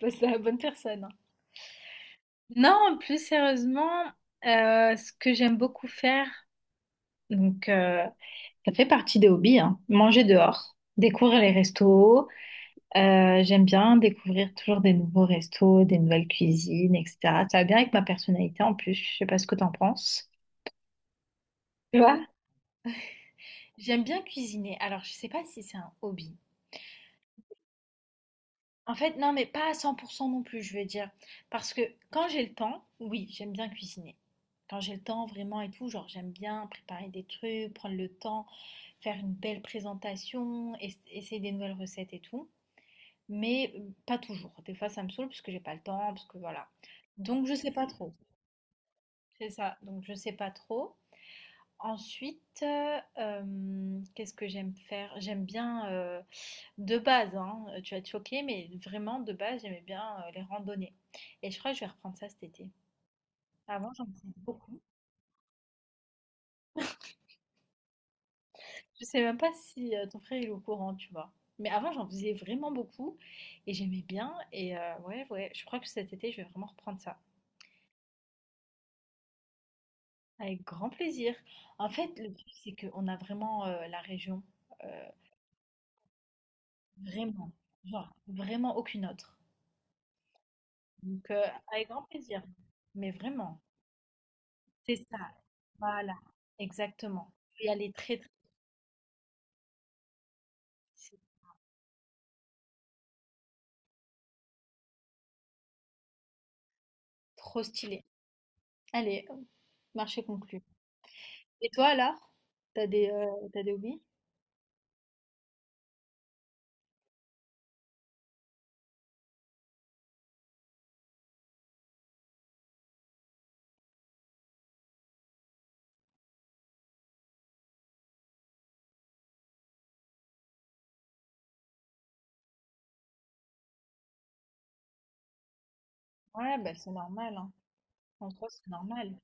Passe à la bonne personne, hein. Non, plus sérieusement, ce que j'aime beaucoup faire, donc ça fait partie des hobbies, hein, manger dehors, découvrir les restos. J'aime bien découvrir toujours des nouveaux restos, des nouvelles cuisines, etc. Ça va bien avec ma personnalité en plus. Je sais pas ce que t'en penses. Tu vois? J'aime bien cuisiner. Alors, je sais pas si c'est un hobby. En fait, non, mais pas à 100% non plus, je veux dire. Parce que quand j'ai le temps, oui, j'aime bien cuisiner. Quand j'ai le temps vraiment et tout, genre j'aime bien préparer des trucs, prendre le temps, faire une belle présentation, essayer des nouvelles recettes et tout. Mais pas toujours. Des fois, ça me saoule parce que j'ai pas le temps, parce que voilà. Donc, je sais pas trop. C'est ça. Donc, je sais pas trop. Ensuite, qu'est-ce que j'aime faire? J'aime bien, de base, hein, tu vas te choquer, mais vraiment de base, j'aimais bien, les randonnées et je crois que je vais reprendre ça cet été. Avant, j'en faisais beaucoup. Je sais même pas si, ton frère il est au courant, tu vois? Mais avant, j'en faisais vraiment beaucoup et j'aimais bien et ouais, ouais, je crois que cet été, je vais vraiment reprendre ça. Avec grand plaisir. En fait, le truc, c'est qu'on a vraiment, la région, heu, vraiment, genre vraiment aucune autre. Donc, avec grand plaisir, mais vraiment, c'est ça. Voilà, exactement. Je vais y aller très, très C'est trop stylé. Allez, hop, marché conclu. Et toi alors? T'as des hobbies? Ouais, bah, c'est normal, hein. En soi, c'est normal.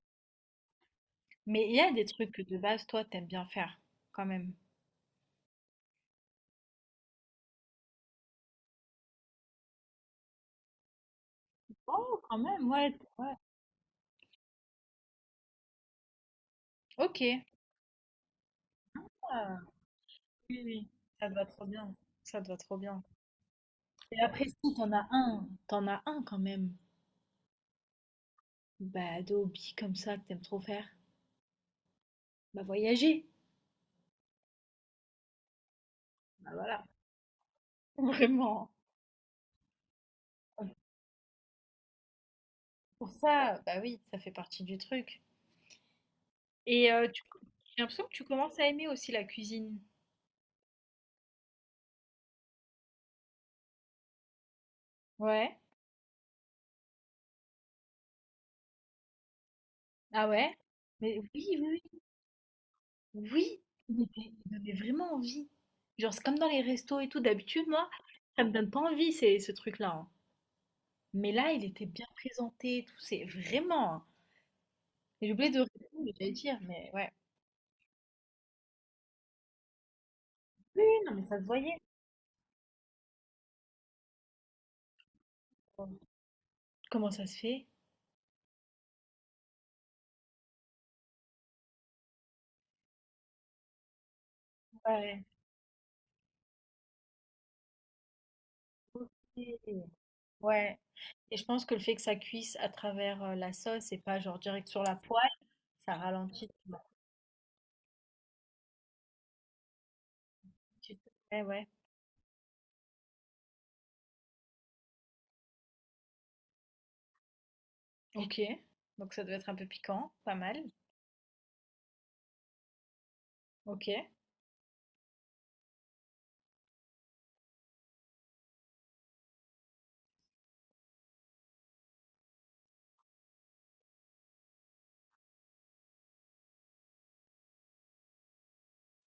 Mais il y a des trucs que de base, toi, t'aimes bien faire, quand même? Oh, quand même, ouais, t ouais. OK. Ah, oui, oui, ça te va trop bien, ça te va trop bien. Et après si, t'en as un quand même, bah, de hobby comme ça que t'aimes trop faire? Bah, voyager. Bah, voilà. Vraiment. Pour ça, bah oui, ça fait partie du truc. Et tu J'ai l'impression que tu commences à aimer aussi la cuisine. Ouais. Ah ouais? Mais oui, oui, oui. Oui, il me donnait vraiment envie. Genre, c'est comme dans les restos et tout, d'habitude, moi, ça me donne pas envie, c'est ce truc-là, hein. Mais là, il était bien présenté et tout, c'est vraiment, hein. Et j'ai oublié de répondre, j'allais dire, mais ouais. Oui, oui, non, mais ça se voyait, quoi. Comment ça se fait? Ouais, OK. Ouais. Et je pense que le fait que ça cuise à travers la sauce et pas genre direct sur la poêle, ça ralentit. Tu- Ouais, ouais. Ok. Donc ça doit être un peu piquant, pas mal. Ok.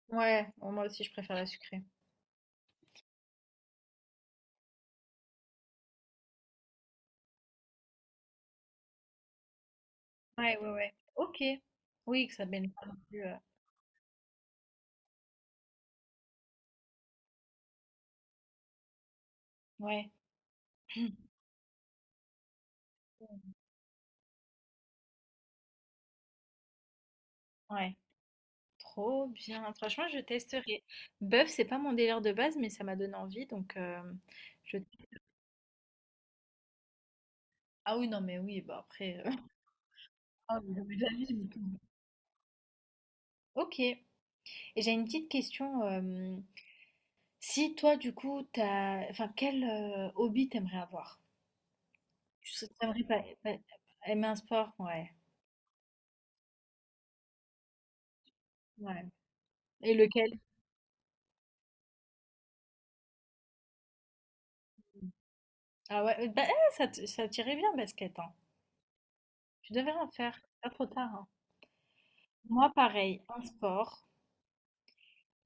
Ouais, bon, moi aussi je préfère la sucrée. Ouais, ouais, ouais. Ok. Oui, que ça baigne pas non plus, ouais, ouais. Trop bien. Franchement, je testerai. Bœuf, c'est pas mon délire de base, mais ça m'a donné envie. Donc, je. Ah oui, non, mais oui, bah après, ah oui, non, mais la vie, mais tout. Ok. Et j'ai une petite question. Si toi, du coup, t'as, enfin, quel hobby t'aimerais avoir? Tu sais- t'aimerais pas, pas- Aimer un sport, ouais, ouais. Et lequel? Ah ouais, bah, eh, ça, ça t'irait bien, basket, hein. Tu devrais en faire, pas trop tard, hein. Moi, pareil, un sport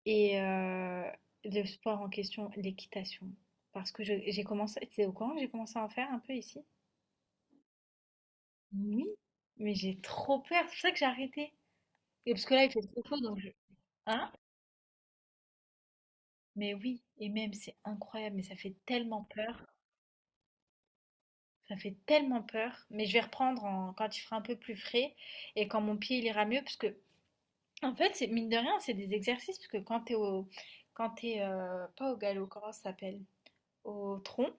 et le sport en question, l'équitation. Parce que j'ai commencé, tu sais, au courant, que j'ai commencé à en faire un peu ici. Oui, mais j'ai trop peur, c'est pour ça que j'ai arrêté. Et parce que là, il fait trop chaud, donc je... Hein? Mais oui, et même c'est incroyable, mais ça fait tellement peur. Ça fait tellement peur, mais je vais reprendre quand il fera un peu plus frais et quand mon pied il ira mieux, parce que en fait, c'est mine de rien, c'est des exercices, parce que quand t'es au, quand t'es pas au galop, comment ça s'appelle? Au tronc.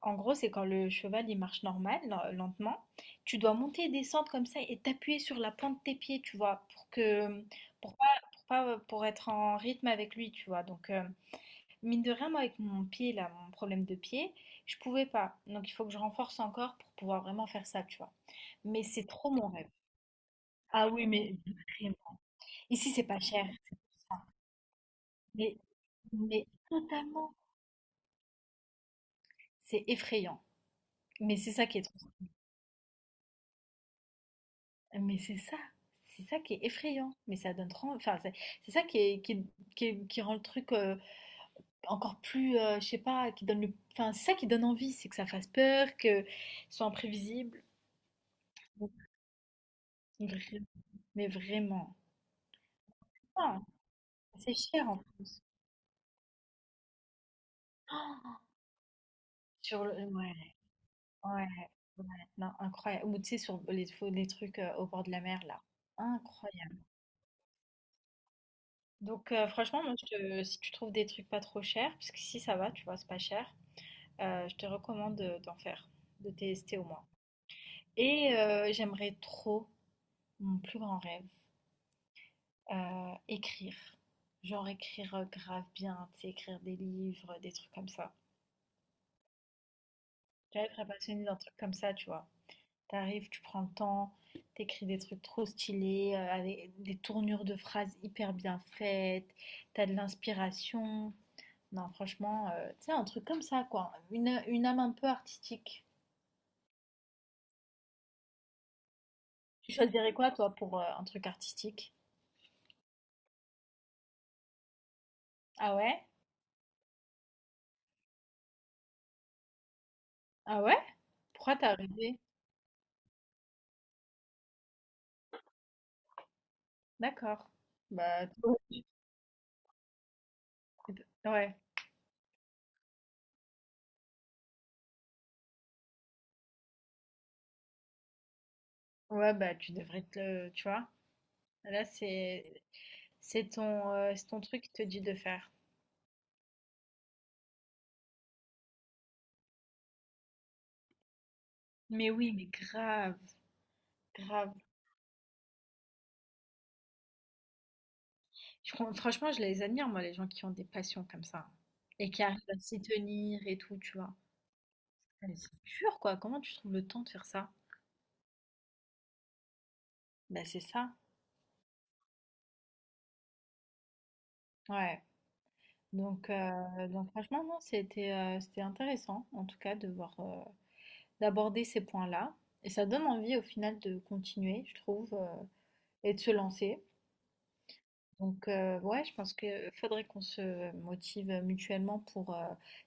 En gros, c'est quand le cheval il marche normal, lentement. Tu dois monter et descendre comme ça et t'appuyer sur la plante de tes pieds, tu vois, pour que, pour pas, pour pas, pour être en rythme avec lui, tu vois. Donc mine de rien, moi, avec mon pied, là, mon problème de pied, je pouvais pas. Donc, il faut que je renforce encore pour pouvoir vraiment faire ça, tu vois. Mais c'est trop mon rêve. Ah oui, mais vraiment. Ici, c'est pas cher, c'est pour ça. Mais, mais tellement, c'est effrayant. Mais c'est ça qui est trop. Mais c'est ça qui est effrayant. Mais ça donne trop. Enfin, c'est ça qui est, qui rend le truc encore plus, je sais pas, qui donne le. Enfin, c'est ça qui donne envie, c'est que ça fasse peur, que ce soit imprévisible. Donc. vra- Mais vraiment. C'est cher en plus. Oh, Sur le ouais, ouais, ouais, non, incroyable. Ou tu sais, sur les trucs au bord de la mer, là. Incroyable. Donc, franchement, moi, si tu trouves des trucs pas trop chers, parce que si ça va, tu vois, c'est pas cher, je te recommande d'en faire, de tester au moins. Et j'aimerais trop, mon plus grand rêve, écrire. Genre écrire grave bien, tu sais, écrire des livres, des trucs comme ça. J'aimerais être passionnée d'un truc comme ça, tu vois. T'arrives, tu prends le temps, t'écris des trucs trop stylés, avec des tournures de phrases hyper bien faites, t'as de l'inspiration. Non, franchement, tu sais, un truc comme ça, quoi. Une âme un peu artistique. Tu choisirais quoi, toi, pour un truc artistique? Ah ouais? Ah ouais? Pourquoi t'as arrêté? D'accord. Bah, ouais. Ouais, bah, tu devrais te le... tu vois? Là, c'est ton, c'est ton truc qui te dit de faire. Mais oui, mais grave, grave. Je com Franchement, je les admire, moi, les gens qui ont des passions comme ça et qui arrivent à s'y tenir et tout, tu vois? Mais c'est dur, quoi. Comment tu trouves le temps de faire ça? Bah, c'est ça. Ouais. Donc, franchement, non, c'était intéressant, en tout cas, de voir, d'aborder ces points-là et ça donne envie, au final, de continuer, je trouve, et de se lancer. Donc, ouais, je pense qu'il faudrait qu'on se motive mutuellement pour,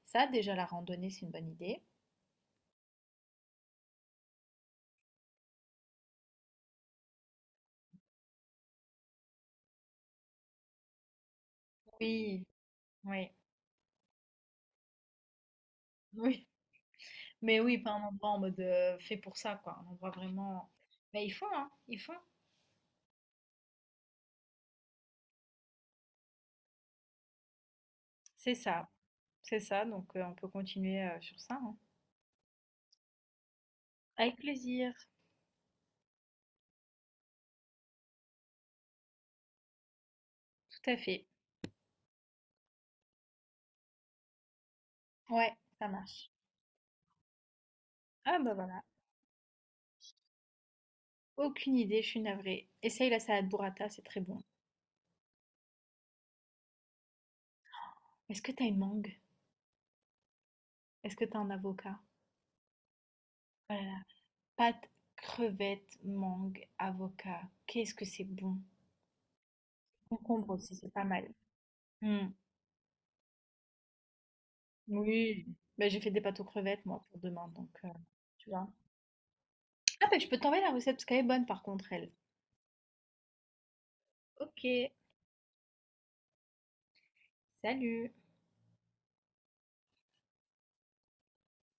ça. Déjà, la randonnée, c'est une bonne idée. Oui, oui, oui. Mais oui, pas un endroit en mode fait pour ça, quoi. Un endroit vraiment. Mais ils font, hein, ils font. C'est ça, c'est ça. Donc on peut continuer sur ça, hein. Avec plaisir, tout à fait. Ouais, ça marche. Ah bah voilà. Aucune idée, je suis navrée. Essaye la salade burrata, c'est très bon. Est-ce que t'as une mangue? Est-ce que t'as un avocat? Oh là là, pâte, crevette, mangue, avocat. Qu'est-ce que c'est bon. Concombre aussi, c'est pas mal. Hmm. Oui. Bah, j'ai fait des pâtes aux crevettes, moi, pour demain, donc tu vois. Ah bah, je peux t'envoyer la recette parce qu'elle est bonne par contre elle. OK, salut.